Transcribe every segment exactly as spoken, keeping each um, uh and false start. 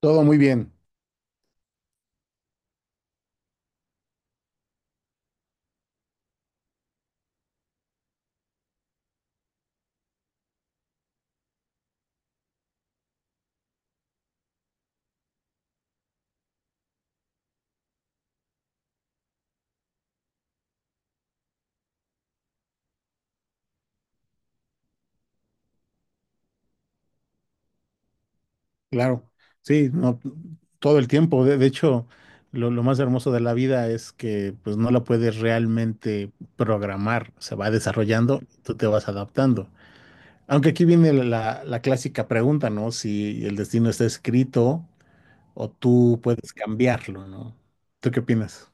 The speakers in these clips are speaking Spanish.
Todo muy bien, claro. Sí, no, todo el tiempo. De, de hecho, lo, lo más hermoso de la vida es que pues no la puedes realmente programar. Se va desarrollando, tú te vas adaptando. Aunque aquí viene la, la- clásica pregunta, ¿no? Si el destino está escrito o tú puedes cambiarlo, ¿no? ¿Tú qué opinas?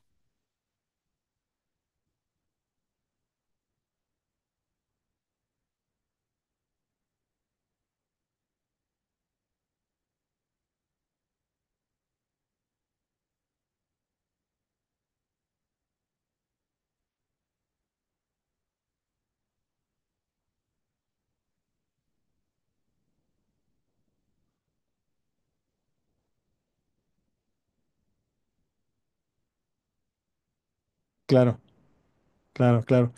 Claro, claro, claro.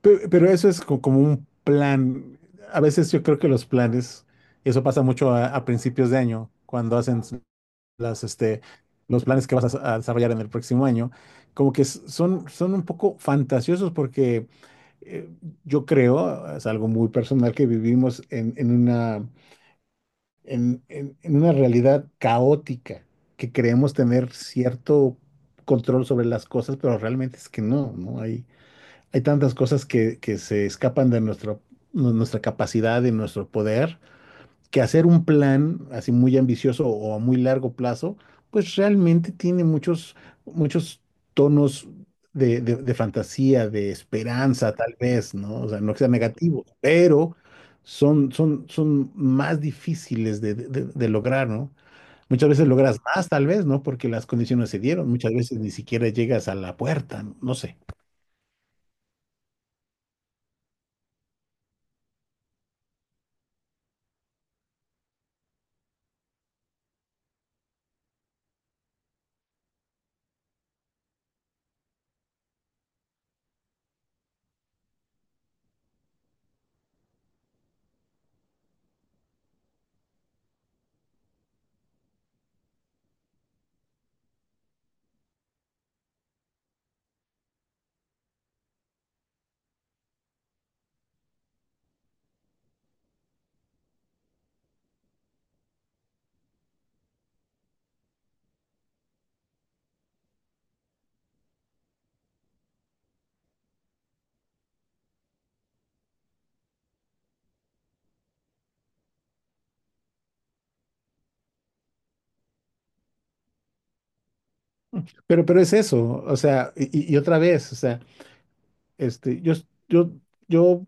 Pe- Pero, eso es co- como un plan. A veces yo creo que los planes, eso pasa mucho a a principios de año, cuando hacen las, este, los planes que vas a, a desarrollar en el próximo año, como que s- son, son un poco fantasiosos porque eh, yo creo, es algo muy personal, que vivimos en, en una, en, en- en una realidad caótica, que creemos tener cierto control sobre las cosas, pero realmente es que no, ¿no? Hay, hay tantas cosas que, que se escapan de nuestro, nu- nuestra capacidad y nuestro poder que hacer un plan así muy ambicioso o a muy largo plazo, pues realmente tiene muchos, muchos tonos de, de- de fantasía, de esperanza, tal vez, ¿no? O sea, no que sean negativos, pero son, son, son más difíciles de, de- de- lograr, ¿no? Muchas veces logras más, tal vez, ¿no? Porque las condiciones se dieron. Muchas veces ni siquiera llegas a la puerta, no. No sé. Pero, pero es eso, o sea, y, y- y otra vez, o sea, este, yo, yo, yo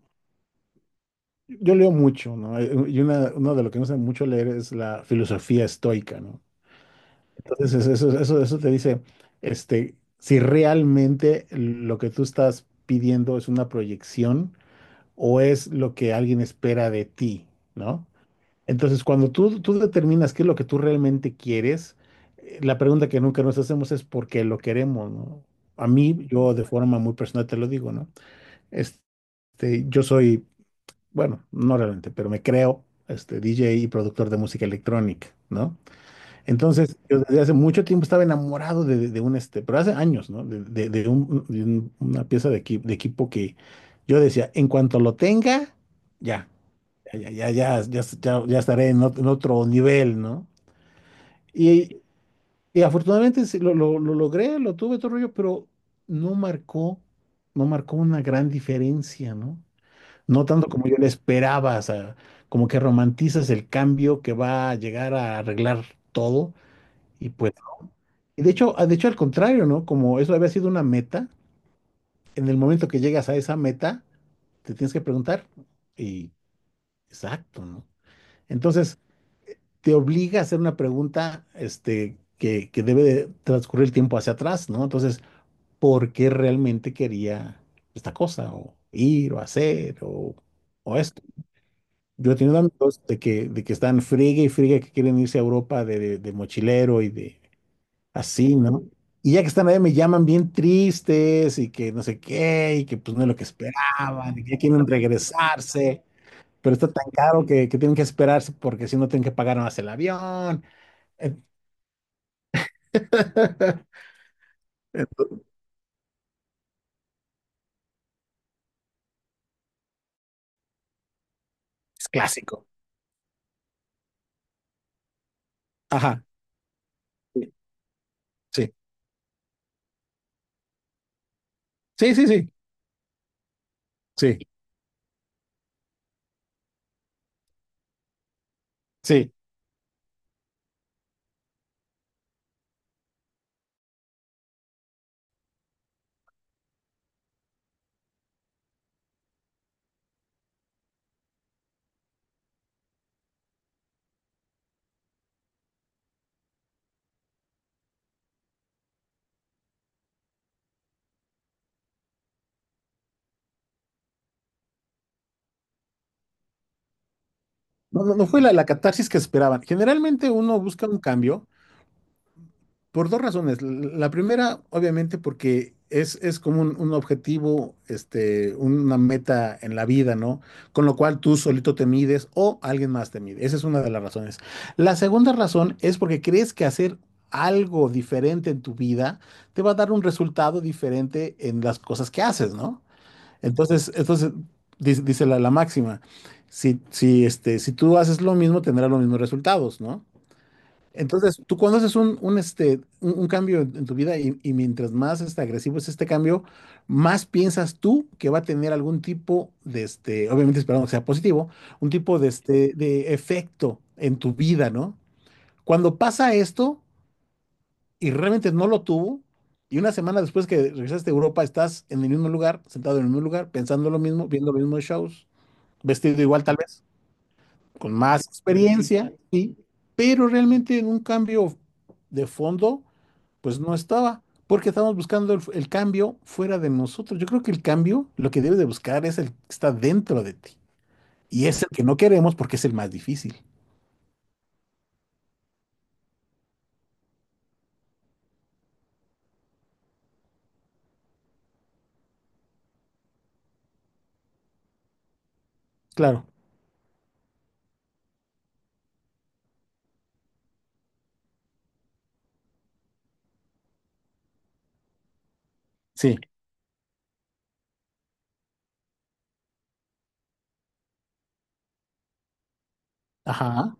yo leo mucho, ¿no? Eh, eh, y una, uno de lo que me gusta mucho leer es la filosofía estoica, ¿no? Entonces, eso, eso, eso te dice, este, si realmente lo que tú estás pidiendo es una proyección o es lo que alguien espera de ti, ¿no? Entonces, cuando tú, tú determinas qué es lo que tú realmente quieres, eh, la pregunta que nunca nos hacemos es por qué lo queremos, ¿no? A mí, yo de forma muy personal te lo digo, ¿no? Este, yo soy bueno, no realmente, pero me creo este D J y productor de música electrónica, ¿no? Entonces, yo desde hace mucho tiempo estaba enamorado de, de- de un, este, pero hace años, ¿no? De, de- de un- de un- una pieza de, equi- de equipo que yo decía, en cuanto lo tenga, ya, ya, ya, ya, ya, ya- ya estaré en ot- en otro nivel, ¿no? Y, y afortunadamente sí, lo, lo, lo logré, lo tuve todo el rollo, pero no marcó, no marcó una gran diferencia, ¿no? No tanto como yo le esperaba, o sea, como que romantizas el cambio que va a llegar a arreglar todo y pues, y de hecho, ah, de hecho al contrario, ¿no? Como eso había sido una meta, en el momento que llegas a esa meta, te tienes que preguntar y exacto, ¿no? Entonces, te obliga a hacer una pregunta, este, que, que debe de transcurrir el tiempo hacia atrás, ¿no? Entonces, ¿por qué realmente quería esta cosa o ir o hacer o, o esto? Yo he tenido amigos de que, de que están friegue y friegue que quieren irse a Europa de, de- de mochilero y de así, ¿no? Y ya que están allá me llaman bien tristes y que no sé qué, y que pues no es lo que esperaban, y que ya quieren regresarse, pero está tan caro que, que tienen que esperarse porque si no tienen que pagar más el avión. Eh, Es clásico. Ajá. Sí, sí, sí, sí, sí, sí. Sí. No, no, no fue la, la catarsis que esperaban. Generalmente uno busca un cambio por dos razones. L- La primera, obviamente, porque es, es como un, un objetivo, este, una meta en la vida, ¿no? Con lo cual tú solito te mides o alguien más te mide. Esa es una de las razones. La segunda razón es porque crees que hacer algo diferente en tu vida te va a dar un resultado diferente en las cosas que haces, ¿no? Entonces, entonces dice, dice la, la máxima, si, si, este, si tú haces lo mismo, tendrás los mismos resultados, ¿no? Entonces, tú cuando haces un, un, este, un, un cambio en, en tu vida y, y mientras más este, agresivo es este cambio, más piensas tú que va a tener algún tipo de, este, obviamente esperamos que sea positivo, un tipo de, este, de efecto en tu vida, ¿no? Cuando pasa esto y realmente no lo tuvo, y una semana después que regresaste a Europa, estás en el mismo lugar, sentado en el mismo lugar, pensando lo mismo, viendo los mismos shows, vestido igual tal vez, con más experiencia, sí, pero realmente en un cambio de fondo pues no estaba, porque estamos buscando el, el cambio fuera de nosotros. Yo creo que el cambio lo que debes de buscar es el que está dentro de ti. Y es el que no queremos porque es el más difícil. Claro, sí. Ajá.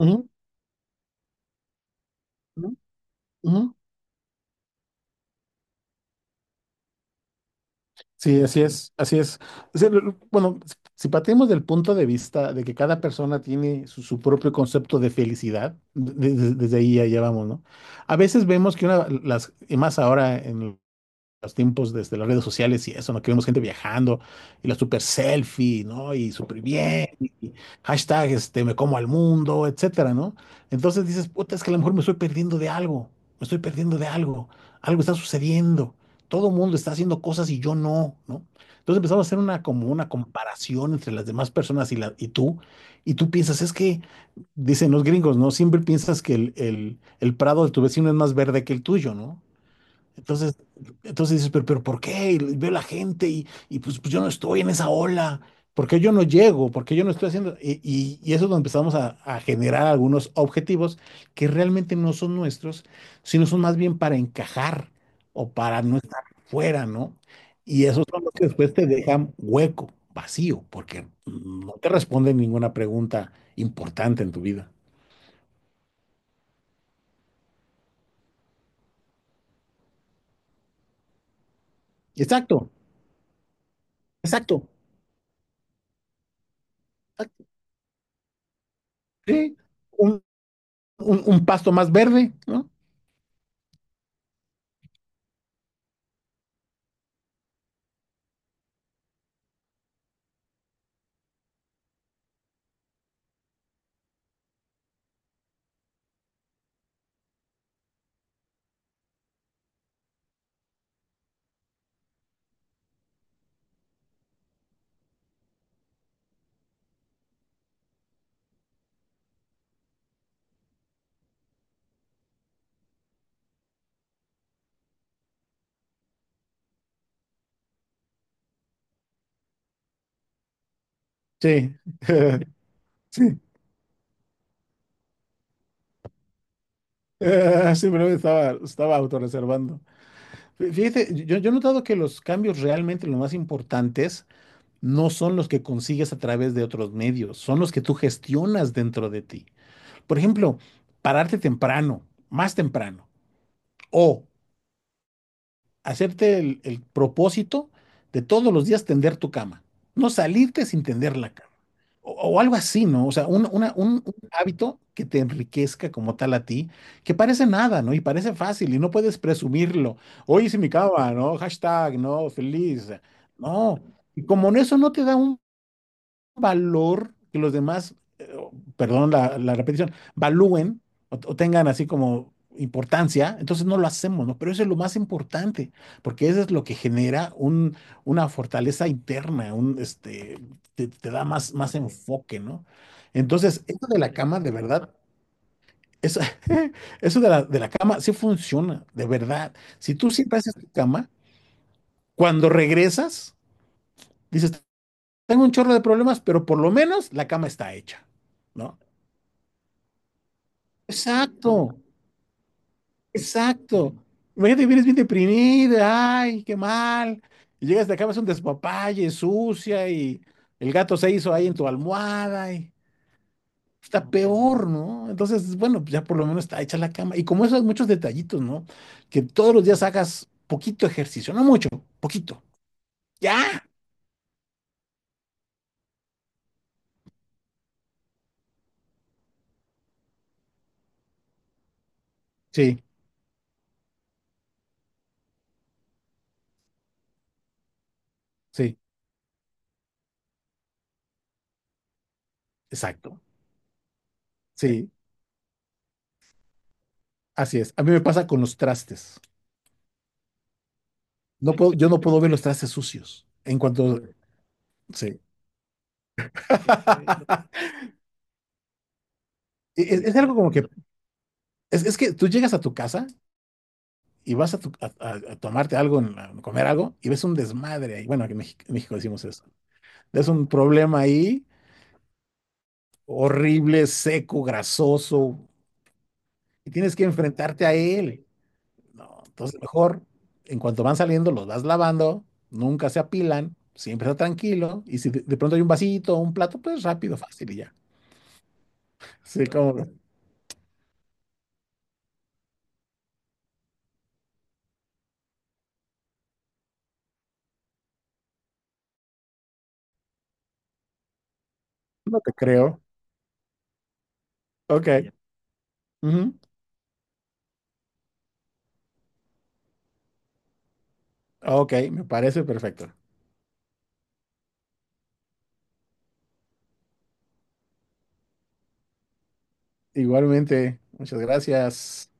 Ujú, ujú, ujú. Sí, así es, así es. O sea, lo- bueno, si partimos del punto de vista de que cada persona tiene su, su propio concepto de felicidad, de- de- desde ahí ya, ya vamos, ¿no? A veces vemos que una, las, y más ahora en los tiempos desde las redes sociales y eso, ¿no? Que vemos gente viajando y la super selfie, ¿no? Y súper bien, y hashtag, este, me como al mundo, etcétera, ¿no? Entonces dices, puta, es que a lo mejor me estoy perdiendo de algo, me estoy perdiendo de algo, algo está sucediendo, todo el mundo está haciendo cosas y yo no, ¿no? Entonces empezamos a hacer una, como una comparación entre las demás personas y, la, y tú, y tú piensas, es que, dicen los gringos, ¿no? Siempre piensas que el, el el prado de tu vecino es más verde que el tuyo, ¿no? Entonces, entonces dices, pero, pero ¿por qué? Y veo la gente y, y pues, pues yo no estoy en esa ola. ¿Por qué yo no llego? ¿Por qué yo no estoy haciendo? Y, y- y eso es donde empezamos a, a generar algunos objetivos que realmente no son nuestros, sino son más bien para encajar o para no estar fuera, ¿no? Y esos son los que después te dejan hueco, vacío, porque no te responden ninguna pregunta importante en tu vida. Exacto, exacto, exacto. Sí, un, un un pasto más verde, ¿no? Sí, sí, siempre estaba, estaba autorreservando. Fí- Fíjate, yo, yo he notado que los cambios realmente los más importantes no son los que consigues a través de otros medios, son los que tú gestionas dentro de ti. Por ejemplo, pararte temprano, más temprano, o hacerte el, el propósito de todos los días tender tu cama, no salirte sin tender la cama. O, o algo así, ¿no? O sea, un, una- un- un hábito que te enriquezca como tal a ti, que parece nada, ¿no? Y parece fácil y no puedes presumirlo. Hoy hice mi cama, ¿no? Hashtag, ¿no? Feliz. No. Y como en eso no te da un valor que los demás, eh, o- perdón la, la repetición, valúen o, o tengan así como importancia, entonces no lo hacemos, ¿no? Pero eso es lo más importante, porque eso es lo que genera un, una fortaleza interna, un, este, te, te da más, más enfoque, ¿no? Entonces, eso de la cama, de verdad, eso, eso de la, de la cama sí funciona, de verdad. Si tú siempre haces tu cama, cuando regresas, dices, tengo un chorro de problemas, pero por lo menos la cama está hecha. ¿No? Exacto, exacto. Imagínate, vienes bien deprimida, ay, qué mal. Y llegas de acá, vas un despapalle, sucia, y el gato se hizo ahí en tu almohada, y está peor, ¿no? Entonces, bueno, pues ya por lo menos está hecha la cama. Y como esos muchos detallitos, ¿no? Que todos los días hagas poquito ejercicio, no mucho, poquito. Ya. Sí, sí, exacto. Sí, así es. A mí me pasa con los trastes. No puedo, yo no puedo ver los trastes sucios. En cuanto, sí. es, es algo como que, es, es que tú llegas a tu casa y vas a, tu- a- a- a tomarte algo, en la- comer algo, y ves un desmadre ahí. Bueno, aquí en México, en México decimos eso. Ves un problema ahí, horrible, seco, grasoso, y tienes que enfrentarte a él. No, entonces mejor, en cuanto van saliendo, los vas lavando, nunca se apilan, siempre está tranquilo, y si de, de pronto hay un vasito o un plato, pues rápido, fácil y ya. Sí, como, no te creo. Ok. Ujú, ok, me parece perfecto. Igualmente, muchas gracias.